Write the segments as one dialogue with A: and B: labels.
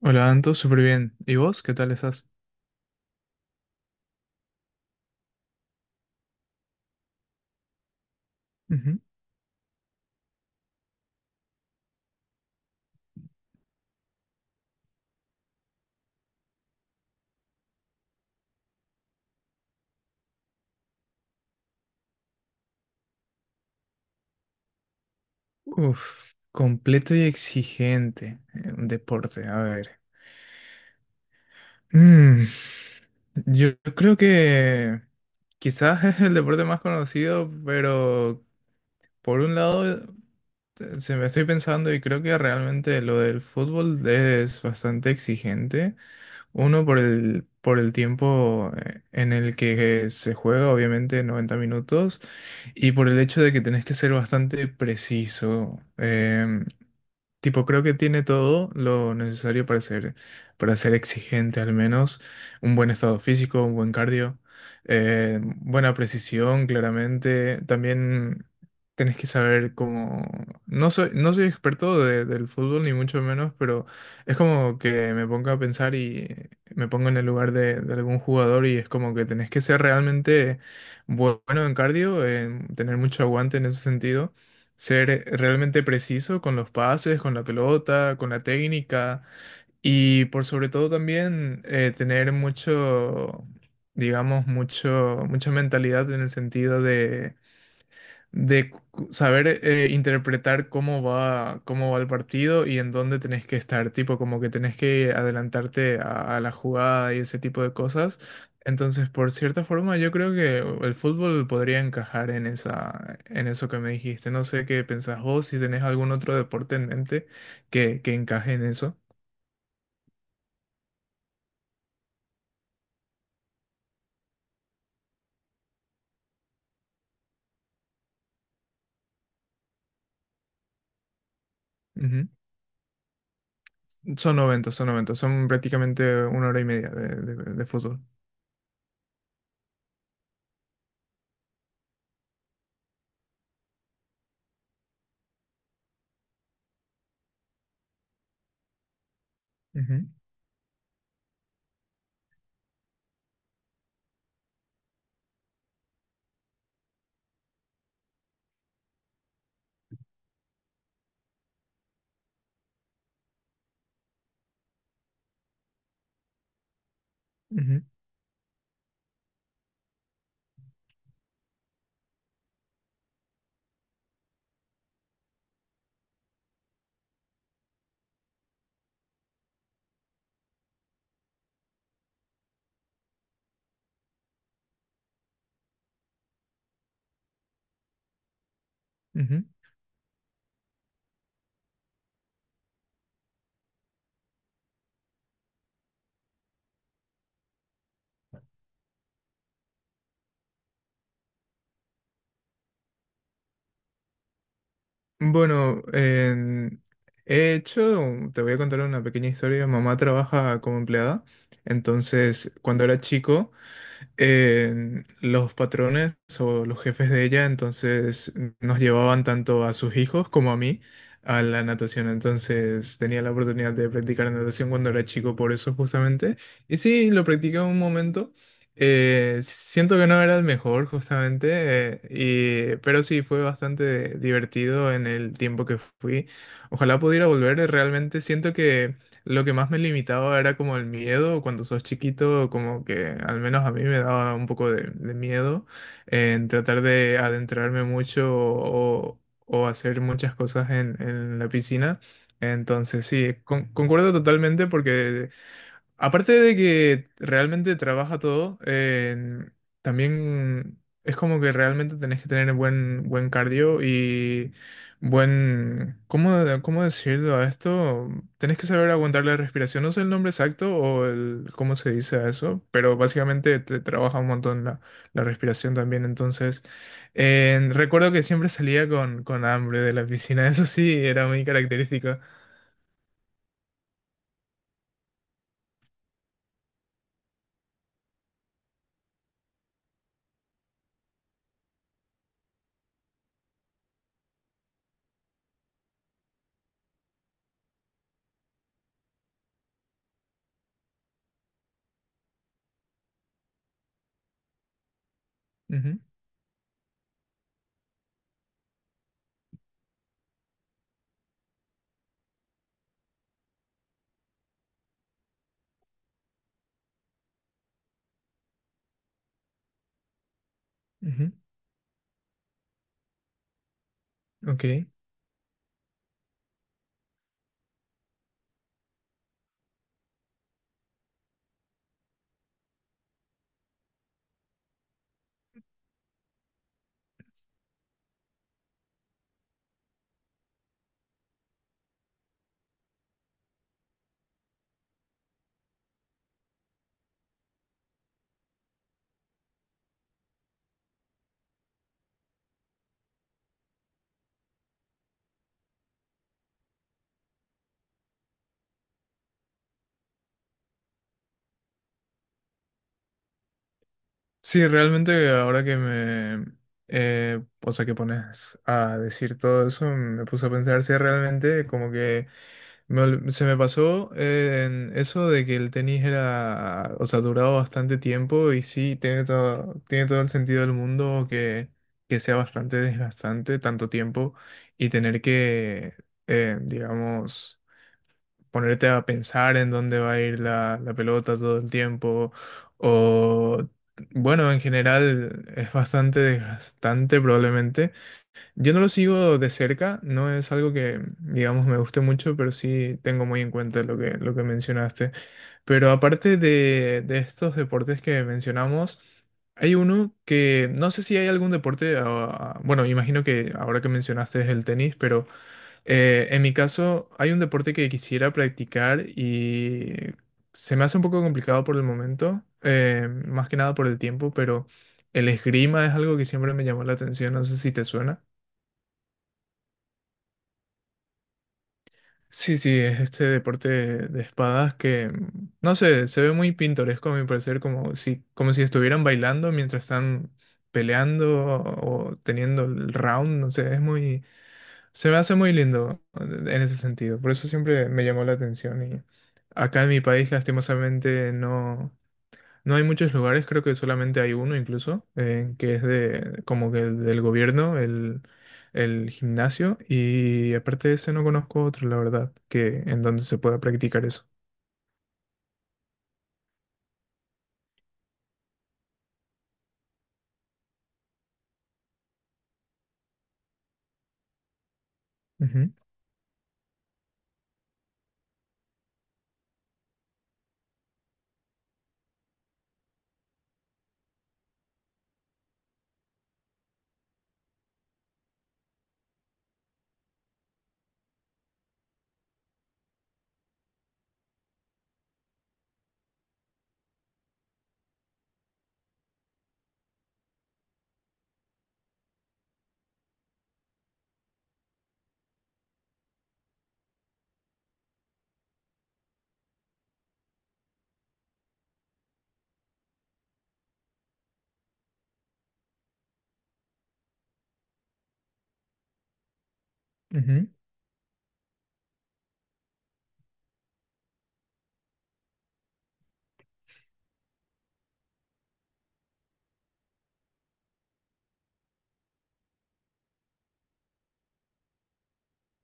A: Hola, Anto, súper bien. ¿Y vos? ¿Qué tal estás? Ujú. Uf, completo y exigente. Un deporte, a ver. Mm, yo creo que quizás es el deporte más conocido, pero por un lado se me estoy pensando y creo que realmente lo del fútbol es bastante exigente. Uno por el tiempo en el que se juega, obviamente 90 minutos. Y por el hecho de que tenés que ser bastante preciso. Tipo, creo que tiene todo lo necesario para ser exigente, al menos. Un buen estado físico, un buen cardio, buena precisión, claramente. También tenés que saber cómo... no soy experto del fútbol, ni mucho menos, pero es como que me pongo a pensar y me pongo en el lugar de algún jugador y es como que tenés que ser realmente bueno en cardio, en tener mucho aguante en ese sentido, ser realmente preciso con los pases, con la pelota, con la técnica, y por sobre todo también tener mucha mentalidad en el sentido de saber interpretar cómo va el partido y en dónde tenés que estar, tipo como que tenés que adelantarte a la jugada y ese tipo de cosas. Entonces, por cierta forma, yo creo que el fútbol podría encajar en en eso que me dijiste. No sé qué pensás vos, si tenés algún otro deporte en mente que encaje en eso. Ujú. Son noventa, son prácticamente una hora y media de fútbol. Ujú, ujú, ujú. Bueno, he hecho, te voy a contar una pequeña historia. Mamá trabaja como empleada, entonces cuando era chico los patrones o los jefes de ella, entonces nos llevaban tanto a sus hijos como a mí a la natación. Entonces tenía la oportunidad de practicar natación cuando era chico, por eso justamente. Y sí, lo practiqué un momento. Siento que no era el mejor, justamente, pero sí fue bastante divertido en el tiempo que fui. Ojalá pudiera volver. Realmente siento que lo que más me limitaba era como el miedo. Cuando sos chiquito, como que al menos a mí me daba un poco de miedo en tratar de adentrarme mucho o hacer muchas cosas en la piscina. Entonces, sí, concuerdo totalmente. Porque aparte de que realmente trabaja todo, también es como que realmente tenés que tener buen cardio y buen... ¿Cómo, cómo decirlo a esto? Tenés que saber aguantar la respiración. No sé el nombre exacto o el, cómo se dice a eso, pero básicamente te trabaja un montón la respiración también. Entonces, recuerdo que siempre salía con hambre de la piscina. Eso sí, era muy característico. Ujú, ujú, ok. Sí, realmente o sea, que pones a decir todo eso, me puse a pensar si realmente, como que se me pasó en eso de que el tenis era, o sea, duraba bastante tiempo, y sí, tiene todo el sentido del mundo que sea bastante desgastante tanto tiempo y tener digamos, ponerte a pensar en dónde va a ir la pelota todo el tiempo. O, bueno, en general es bastante desgastante probablemente. Yo no lo sigo de cerca, no es algo que, digamos, me guste mucho, pero sí tengo muy en cuenta lo que mencionaste. Pero aparte de estos deportes que mencionamos, hay uno que no sé si hay algún deporte, ah, bueno, imagino que ahora que mencionaste es el tenis, pero en mi caso, hay un deporte que quisiera practicar y se me hace un poco complicado por el momento, más que nada por el tiempo, pero el esgrima es algo que siempre me llamó la atención, no sé si te suena. Sí, sí, es este deporte de espadas que, no sé, se ve muy pintoresco a mi parecer, como si estuvieran bailando mientras están peleando o teniendo el round, no sé, es muy... Se me hace muy lindo en ese sentido, por eso siempre me llamó la atención. Y acá en mi país lastimosamente no, no hay muchos lugares, creo que solamente hay uno incluso, que es de como que del gobierno, el gimnasio, y aparte de ese no conozco otro, la verdad, que en donde se pueda practicar eso. Ujú, ujú.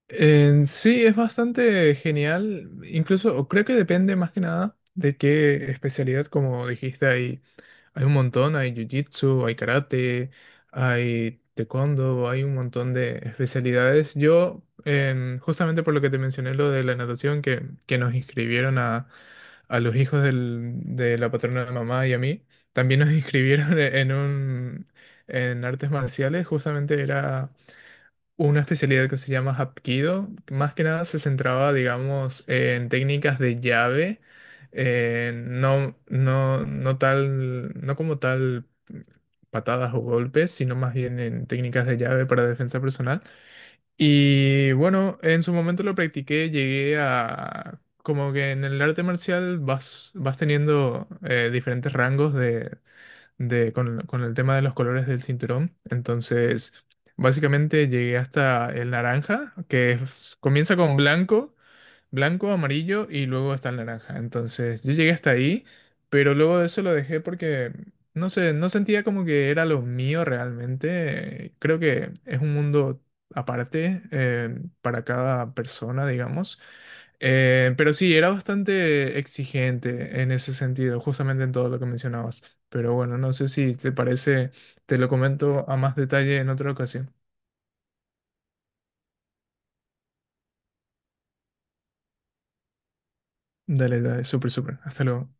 A: En sí, es bastante genial, incluso o creo que depende más que nada de qué especialidad, como dijiste ahí. Hay un montón, hay jiu-jitsu, hay karate, hay taekwondo, hay un montón de especialidades. Yo, justamente por lo que te mencioné, lo de la natación, que nos inscribieron a los hijos de la patrona de mamá y a mí, también nos inscribieron en un, en artes marciales. Justamente era una especialidad que se llama Hapkido. Más que nada se centraba, digamos, en técnicas de llave, no tal, no como tal patadas o golpes, sino más bien en técnicas de llave para defensa personal. Y bueno, en su momento lo practiqué, llegué a... Como que en el arte marcial vas, vas teniendo diferentes rangos de, con el tema de los colores del cinturón. Entonces, básicamente llegué hasta el naranja, que comienza con blanco, amarillo y luego está el naranja. Entonces yo llegué hasta ahí, pero luego de eso lo dejé porque no sé, no sentía como que era lo mío realmente. Creo que es un mundo aparte para cada persona, digamos. Pero sí, era bastante exigente en ese sentido, justamente en todo lo que mencionabas. Pero bueno, no sé si te parece, te lo comento a más detalle en otra ocasión. Dale, dale, súper, súper. Hasta luego.